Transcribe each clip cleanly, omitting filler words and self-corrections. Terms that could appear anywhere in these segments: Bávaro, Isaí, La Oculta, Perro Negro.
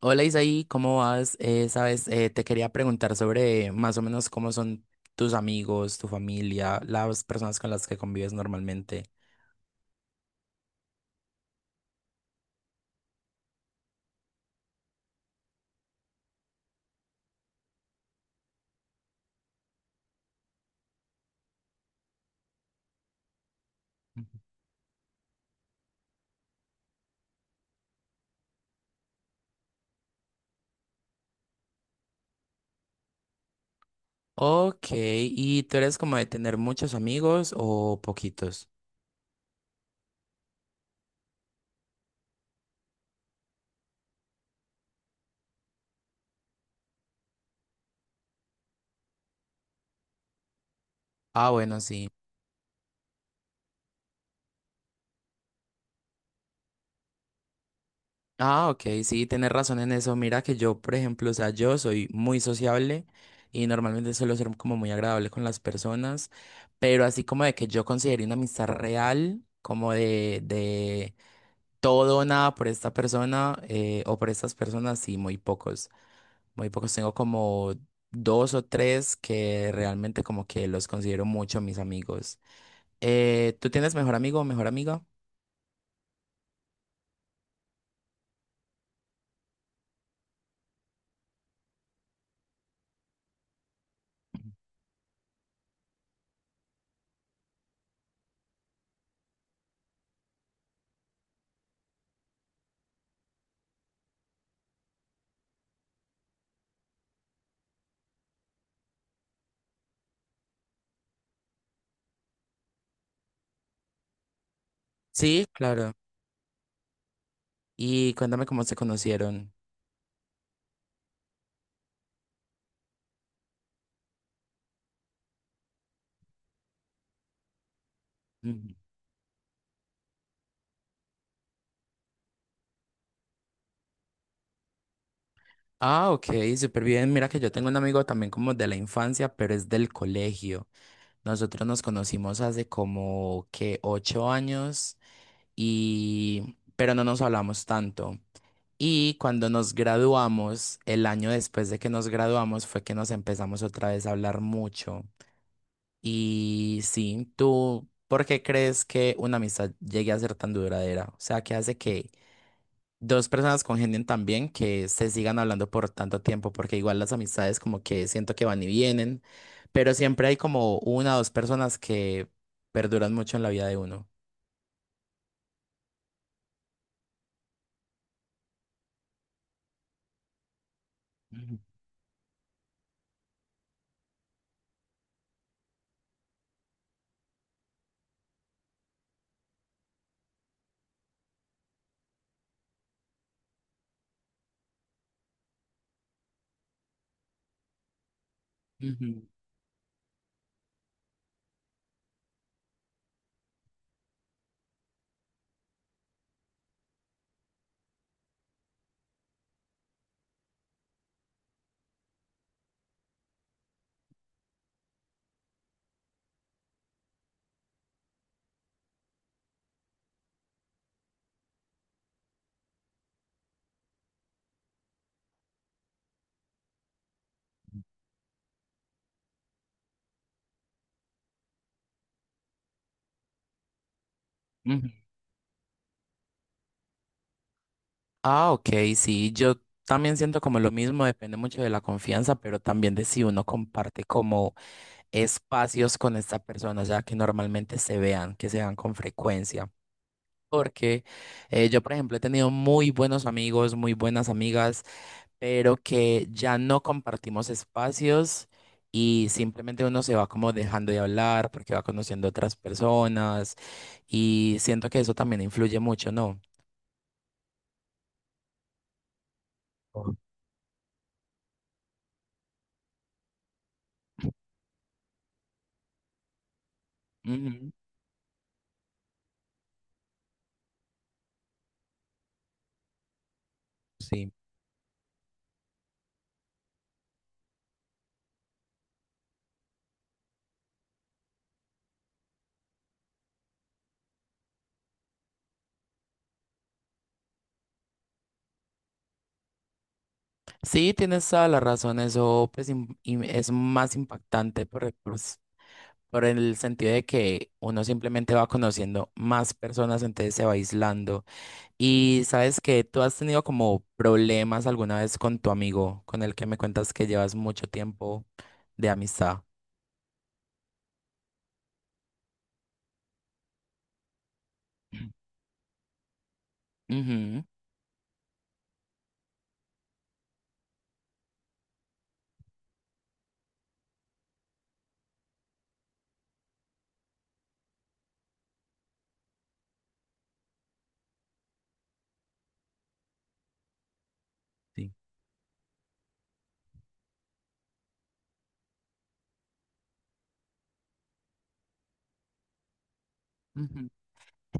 Hola Isaí, ¿cómo vas? Sabes, te quería preguntar sobre más o menos cómo son tus amigos, tu familia, las personas con las que convives normalmente. Ok, ¿y tú eres como de tener muchos amigos o poquitos? Ah, bueno, sí. Ah, ok, sí, tienes razón en eso. Mira que yo, por ejemplo, o sea, yo soy muy sociable y normalmente suelo ser como muy agradable con las personas, pero así como de que yo considere una amistad real, como de todo o nada por esta persona, o por estas personas, sí, muy pocos. Muy pocos. Tengo como dos o tres que realmente como que los considero mucho mis amigos. ¿Tú tienes mejor amigo o mejor amiga? Sí, claro. Y cuéntame cómo se conocieron. Ujú. Ah, ok, súper bien. Mira que yo tengo un amigo también como de la infancia, pero es del colegio. Nosotros nos conocimos hace como que 8 años y pero no nos hablamos tanto. Y cuando nos graduamos, el año después de que nos graduamos, fue que nos empezamos otra vez a hablar mucho. Y sí, ¿tú por qué crees que una amistad llegue a ser tan duradera? O sea, ¿qué hace que dos personas congenien tan bien que se sigan hablando por tanto tiempo? Porque igual las amistades como que siento que van y vienen, pero siempre hay como una o dos personas que perduran mucho en la vida de uno. Ujú, ujú, ujú. Ah, ok, sí, yo también siento como lo mismo, depende mucho de la confianza, pero también de si uno comparte como espacios con esta persona, ya que normalmente se vean, que se vean con frecuencia. Porque yo, por ejemplo, he tenido muy buenos amigos, muy buenas amigas, pero que ya no compartimos espacios y simplemente uno se va como dejando de hablar porque va conociendo otras personas y siento que eso también influye mucho, ¿no? Ujú. Sí. Sí, tienes toda la razón, eso pues, es más impactante por, el pues, por el sentido de que uno simplemente va conociendo más personas, entonces se va aislando. Y sabes que tú has tenido como problemas alguna vez con tu amigo, con el que me cuentas que llevas mucho tiempo de amistad. Ujú. Sí.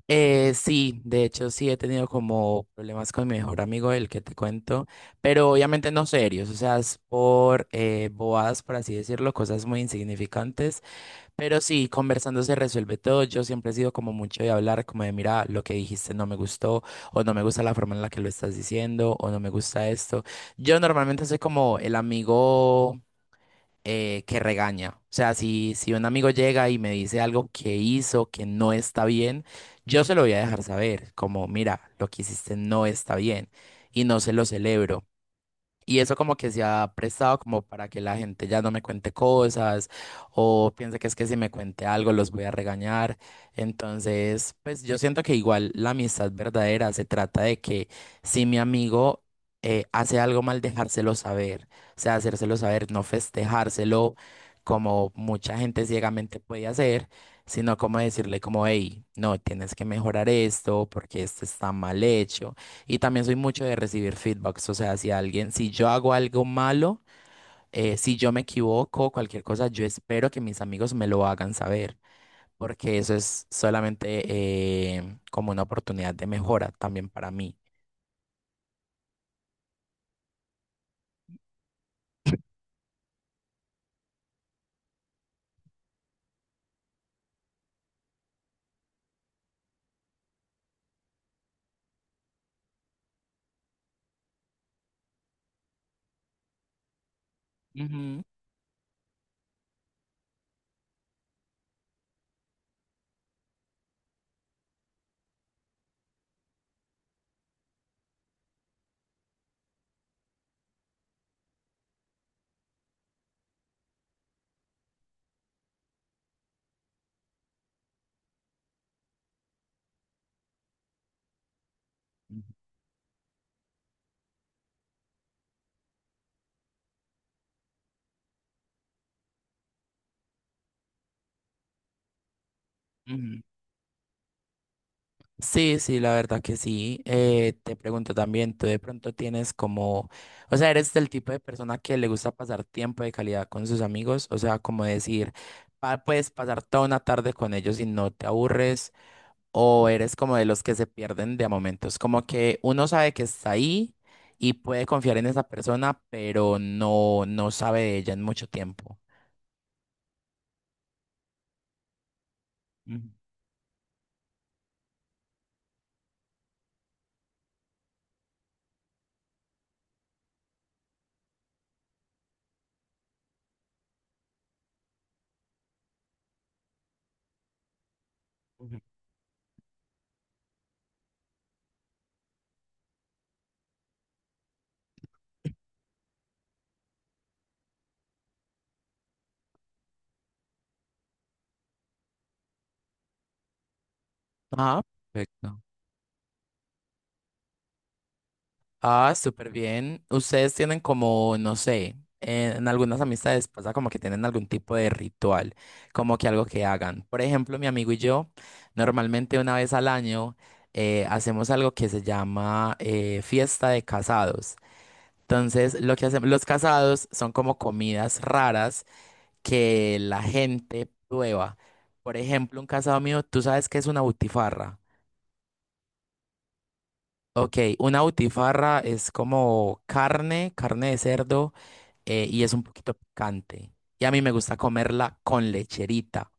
Sí, de hecho sí he tenido como problemas con mi mejor amigo, el que te cuento, pero obviamente no serios, o sea, es por bobadas, por así decirlo, cosas muy insignificantes, pero sí, conversando se resuelve todo. Yo siempre he sido como mucho de hablar, como de, mira, lo que dijiste no me gustó, o no me gusta la forma en la que lo estás diciendo, o no me gusta esto. Yo normalmente soy como el amigo que regaña. O sea, si un amigo llega y me dice algo que hizo que no está bien, yo se lo voy a dejar saber, como, mira, lo que hiciste no está bien y no se lo celebro. Y eso como que se ha prestado como para que la gente ya no me cuente cosas o piense que es que si me cuente algo los voy a regañar. Entonces, pues yo siento que igual la amistad verdadera se trata de que si mi amigo hace algo mal, dejárselo saber, o sea, hacérselo saber, no festejárselo como mucha gente ciegamente puede hacer, sino como decirle como, hey, no, tienes que mejorar esto porque esto está mal hecho. Y también soy mucho de recibir feedbacks, o sea, si alguien, si yo hago algo malo, si yo me equivoco, cualquier cosa, yo espero que mis amigos me lo hagan saber, porque eso es solamente como una oportunidad de mejora también para mí. Ujú, ujú. Sí, sí, la verdad que sí. Te pregunto también, tú de pronto tienes como, o sea, eres del tipo de persona que le gusta pasar tiempo de calidad con sus amigos, o sea, como decir, puedes pasar toda una tarde con ellos y no te aburres. ¿O eres como de los que se pierden de a momentos? Como que uno sabe que está ahí y puede confiar en esa persona, pero no sabe de ella en mucho tiempo. Ujú, ujú. Ah, perfecto. Ah, súper bien. Ustedes tienen como, no sé, en algunas amistades pasa como que tienen algún tipo de ritual, como que algo que hagan. Por ejemplo, mi amigo y yo, normalmente una vez al año hacemos algo que se llama, fiesta de casados. Entonces, lo que hacemos, los casados son como comidas raras que la gente prueba. Por ejemplo, un casado mío, ¿tú sabes qué es una butifarra? Ok, una butifarra es como carne, carne de cerdo, y es un poquito picante. Y a mí me gusta comerla con lecherita.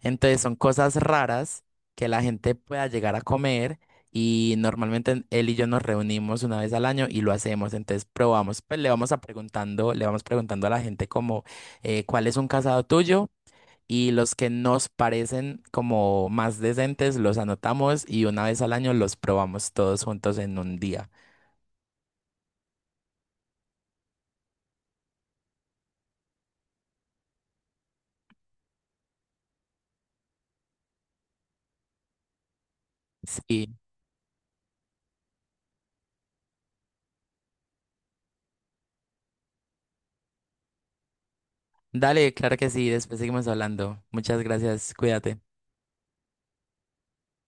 Entonces son cosas raras que la gente pueda llegar a comer y normalmente él y yo nos reunimos una vez al año y lo hacemos. Entonces probamos, pues le vamos a preguntando, le vamos preguntando a la gente como, ¿cuál es un casado tuyo? Y los que nos parecen como más decentes los anotamos y una vez al año los probamos todos juntos en un día. Sí, dale, claro que sí, después seguimos hablando. Muchas gracias, cuídate.